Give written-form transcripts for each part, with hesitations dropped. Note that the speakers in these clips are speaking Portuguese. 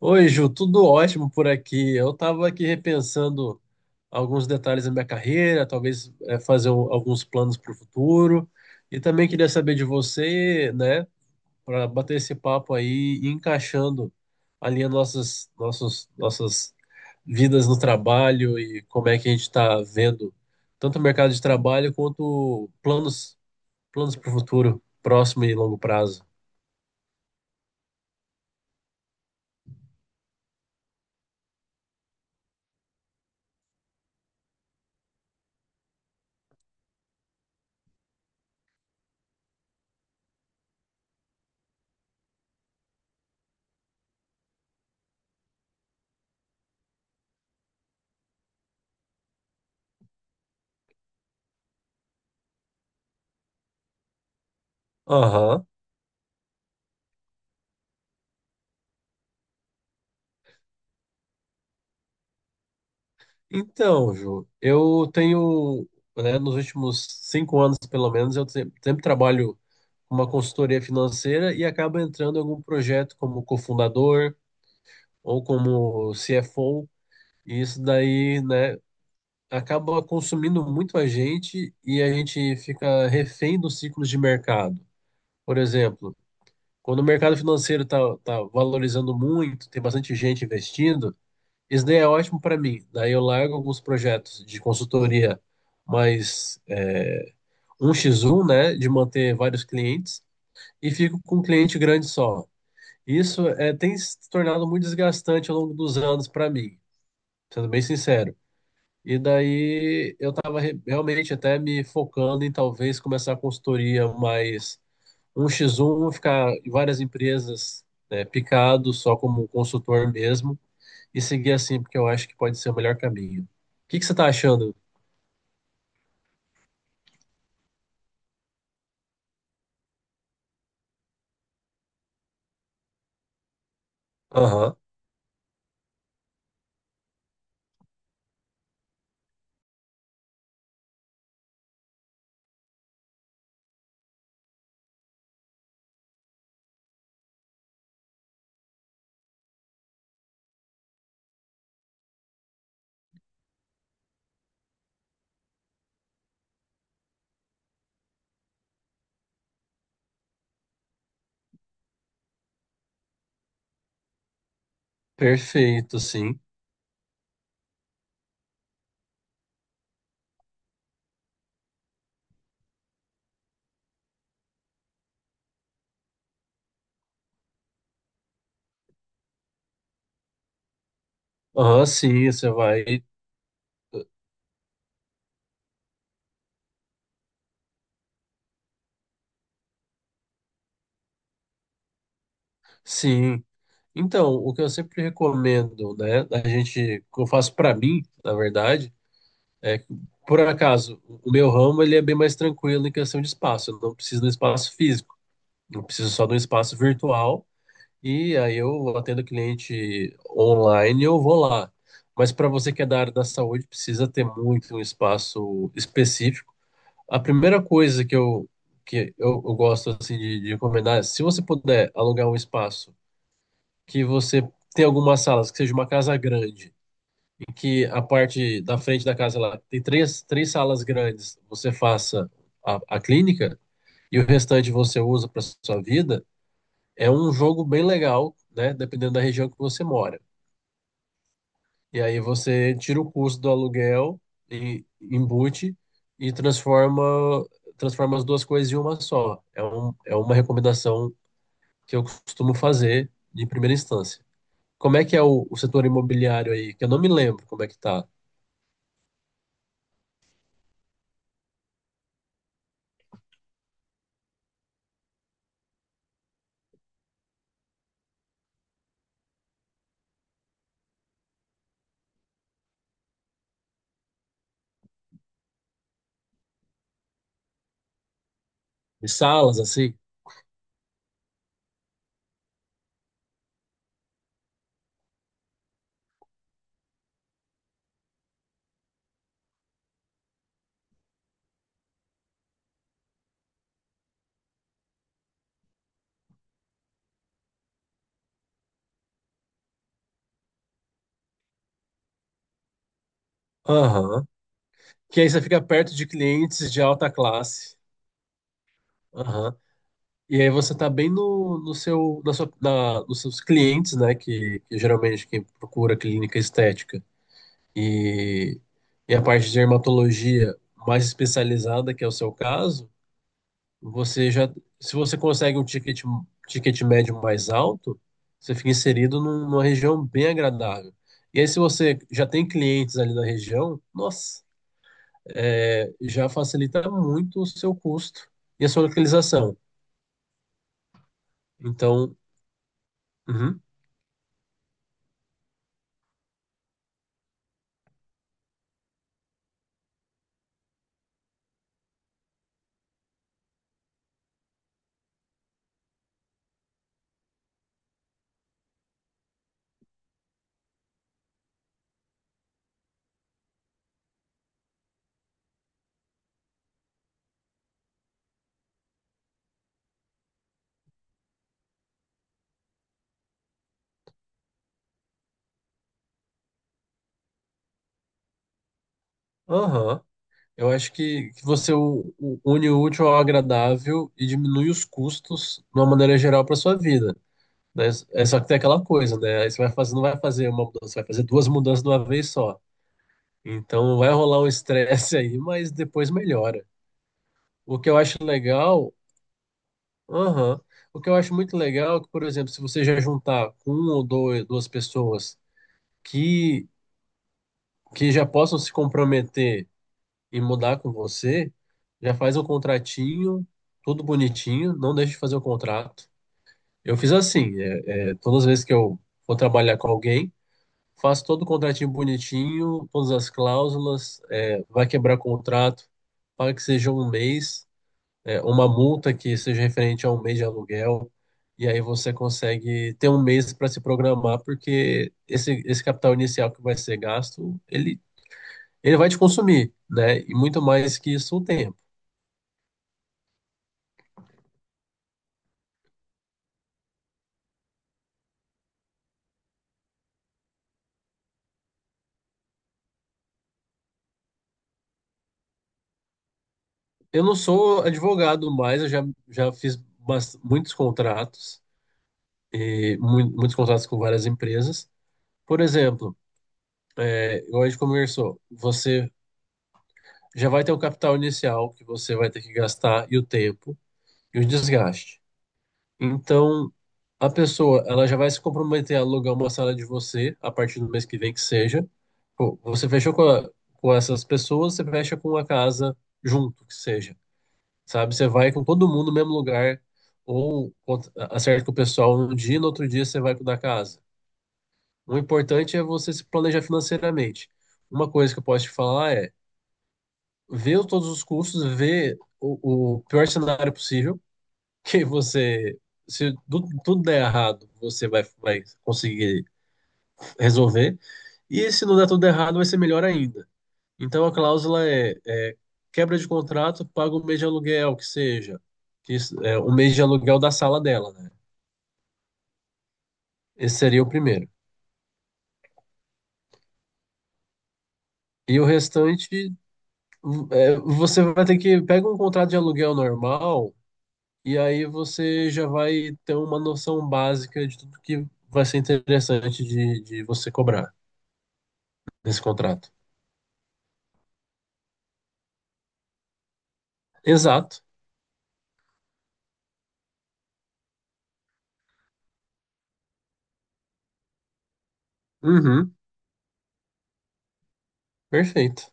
Oi, Ju, tudo ótimo por aqui. Eu estava aqui repensando alguns detalhes da minha carreira, talvez fazer alguns planos para o futuro. E também queria saber de você, né, para bater esse papo aí e encaixando ali as nossas vidas no trabalho e como é que a gente está vendo tanto o mercado de trabalho quanto planos para o futuro, próximo e longo prazo. Aham. Então, Ju, eu tenho, né, nos últimos 5 anos, pelo menos, eu sempre trabalho com uma consultoria financeira e acabo entrando em algum projeto como cofundador ou como CFO, e isso daí, né, acaba consumindo muito a gente e a gente fica refém dos ciclos de mercado. Por exemplo, quando o mercado financeiro está valorizando muito, tem bastante gente investindo, isso daí é ótimo para mim. Daí eu largo alguns projetos de consultoria mais 1 x um, né, de manter vários clientes e fico com um cliente grande só. Tem se tornado muito desgastante ao longo dos anos para mim, sendo bem sincero. E daí eu estava realmente até me focando em talvez começar a consultoria mais um x um, ficar em várias empresas, né, picado só como consultor mesmo e seguir assim, porque eu acho que pode ser o melhor caminho. O que que você tá achando? Aham, perfeito, sim. Aham, sim, você vai. Sim. Então, o que eu sempre recomendo, né, a gente, que eu faço pra mim, na verdade, é que, por acaso, o meu ramo ele é bem mais tranquilo em questão de espaço. Eu não preciso de um espaço físico, eu preciso só de um espaço virtual. E aí eu atendo cliente online e eu vou lá. Mas para você que é da área da saúde, precisa ter muito um espaço específico. A primeira coisa que eu gosto assim, de recomendar é, se você puder alugar um espaço que você tem algumas salas, que seja uma casa grande, e que a parte da frente da casa lá tem três salas grandes, você faça a clínica e o restante você usa para sua vida, é um jogo bem legal, né? Dependendo da região que você mora. E aí você tira o custo do aluguel e embute e transforma as duas coisas em uma só. É uma recomendação que eu costumo fazer de primeira instância. Como é que é o setor imobiliário aí? Que eu não me lembro como é que tá. De salas, assim? Aham. Que aí você fica perto de clientes de alta classe. Aham. E aí você tá bem no, no seu, na sua, na, nos seus clientes, né? Que geralmente quem procura clínica estética e, e a parte de dermatologia mais especializada, que é o seu caso, você já, se você consegue um ticket médio mais alto, você fica inserido numa região bem agradável. E aí, se você já tem clientes ali na região, nossa, já facilita muito o seu custo e a sua localização. Então, uhum, aham. Eu acho que você une o útil ao agradável e diminui os custos de uma maneira geral para sua vida, né? É só que tem aquela coisa, né? Aí você vai fazer, não vai fazer uma mudança, vai fazer duas mudanças de uma vez só. Então vai rolar um estresse aí, mas depois melhora. O que eu acho legal, aham. O que eu acho muito legal é que, por exemplo, se você já juntar com um ou dois, duas pessoas que, que já possam se comprometer e mudar com você, já faz um contratinho, tudo bonitinho, não deixe de fazer o contrato. Eu fiz assim, todas as vezes que eu vou trabalhar com alguém, faz todo o contratinho bonitinho, todas as cláusulas, vai quebrar contrato, paga que seja um mês, é uma multa que seja referente a um mês de aluguel, e aí você consegue ter um mês para se programar, porque esse capital inicial que vai ser gasto, ele vai te consumir, né? E muito mais que isso, o tempo. Eu não sou advogado mais, eu já fiz muitos contratos, e muitos contratos com várias empresas. Por exemplo, igual a gente conversou, você já vai ter o capital inicial que você vai ter que gastar e o tempo e o desgaste. Então, a pessoa, ela já vai se comprometer a alugar uma sala de você a partir do mês que vem que seja. Pô, você fechou com essas pessoas, você fecha com a casa junto que seja, sabe? Você vai com todo mundo no mesmo lugar ou acerta com o pessoal um dia e no outro dia você vai com o da casa. O importante é você se planejar financeiramente. Uma coisa que eu posso te falar é ver todos os cursos, ver o pior cenário possível, que você, se tudo der errado, você vai, vai conseguir resolver, e se não der tudo errado, vai ser melhor ainda. Então a cláusula é, quebra de contrato, paga um mês de aluguel, que seja, que um mês de aluguel da sala dela, né? Esse seria o primeiro. E o restante, você vai ter que pega um contrato de aluguel normal. E aí você já vai ter uma noção básica de tudo que vai ser interessante de você cobrar nesse contrato. Exato. Uhum. Perfeito.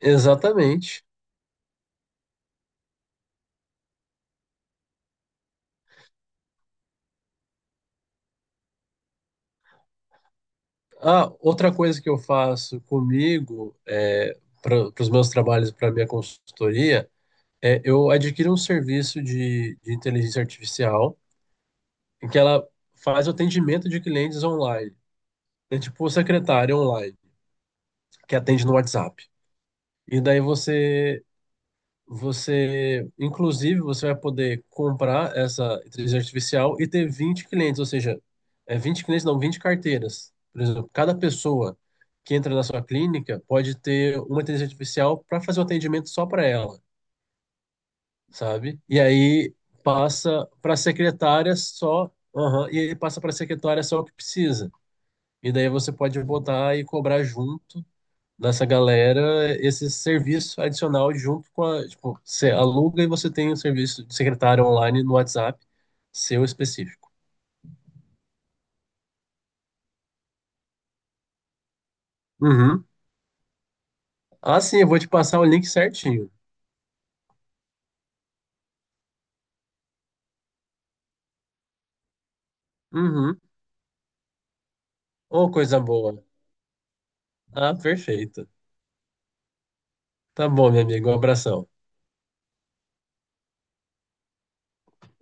Exatamente. Ah, outra coisa que eu faço comigo é, para os meus trabalhos, para minha consultoria, eu adquiro um serviço de inteligência artificial em que ela faz o atendimento de clientes online. É tipo secretária online, que atende no WhatsApp. E daí você Você, inclusive, você vai poder comprar essa inteligência artificial e ter 20 clientes, ou seja, 20 clientes, não, 20 carteiras. Por exemplo, cada pessoa que entra na sua clínica pode ter uma inteligência artificial para fazer o atendimento só para ela, sabe? E aí passa para a secretária só, aham, e aí passa para a secretária só o que precisa. E daí você pode botar e cobrar junto dessa galera esse serviço adicional junto com a, tipo, você aluga e você tem um serviço de secretário online no WhatsApp, seu específico. Uhum. Ah, sim, eu vou te passar o link certinho. Uhum. Oh, coisa boa. Ah, perfeito. Tá bom, meu amigo, um abração.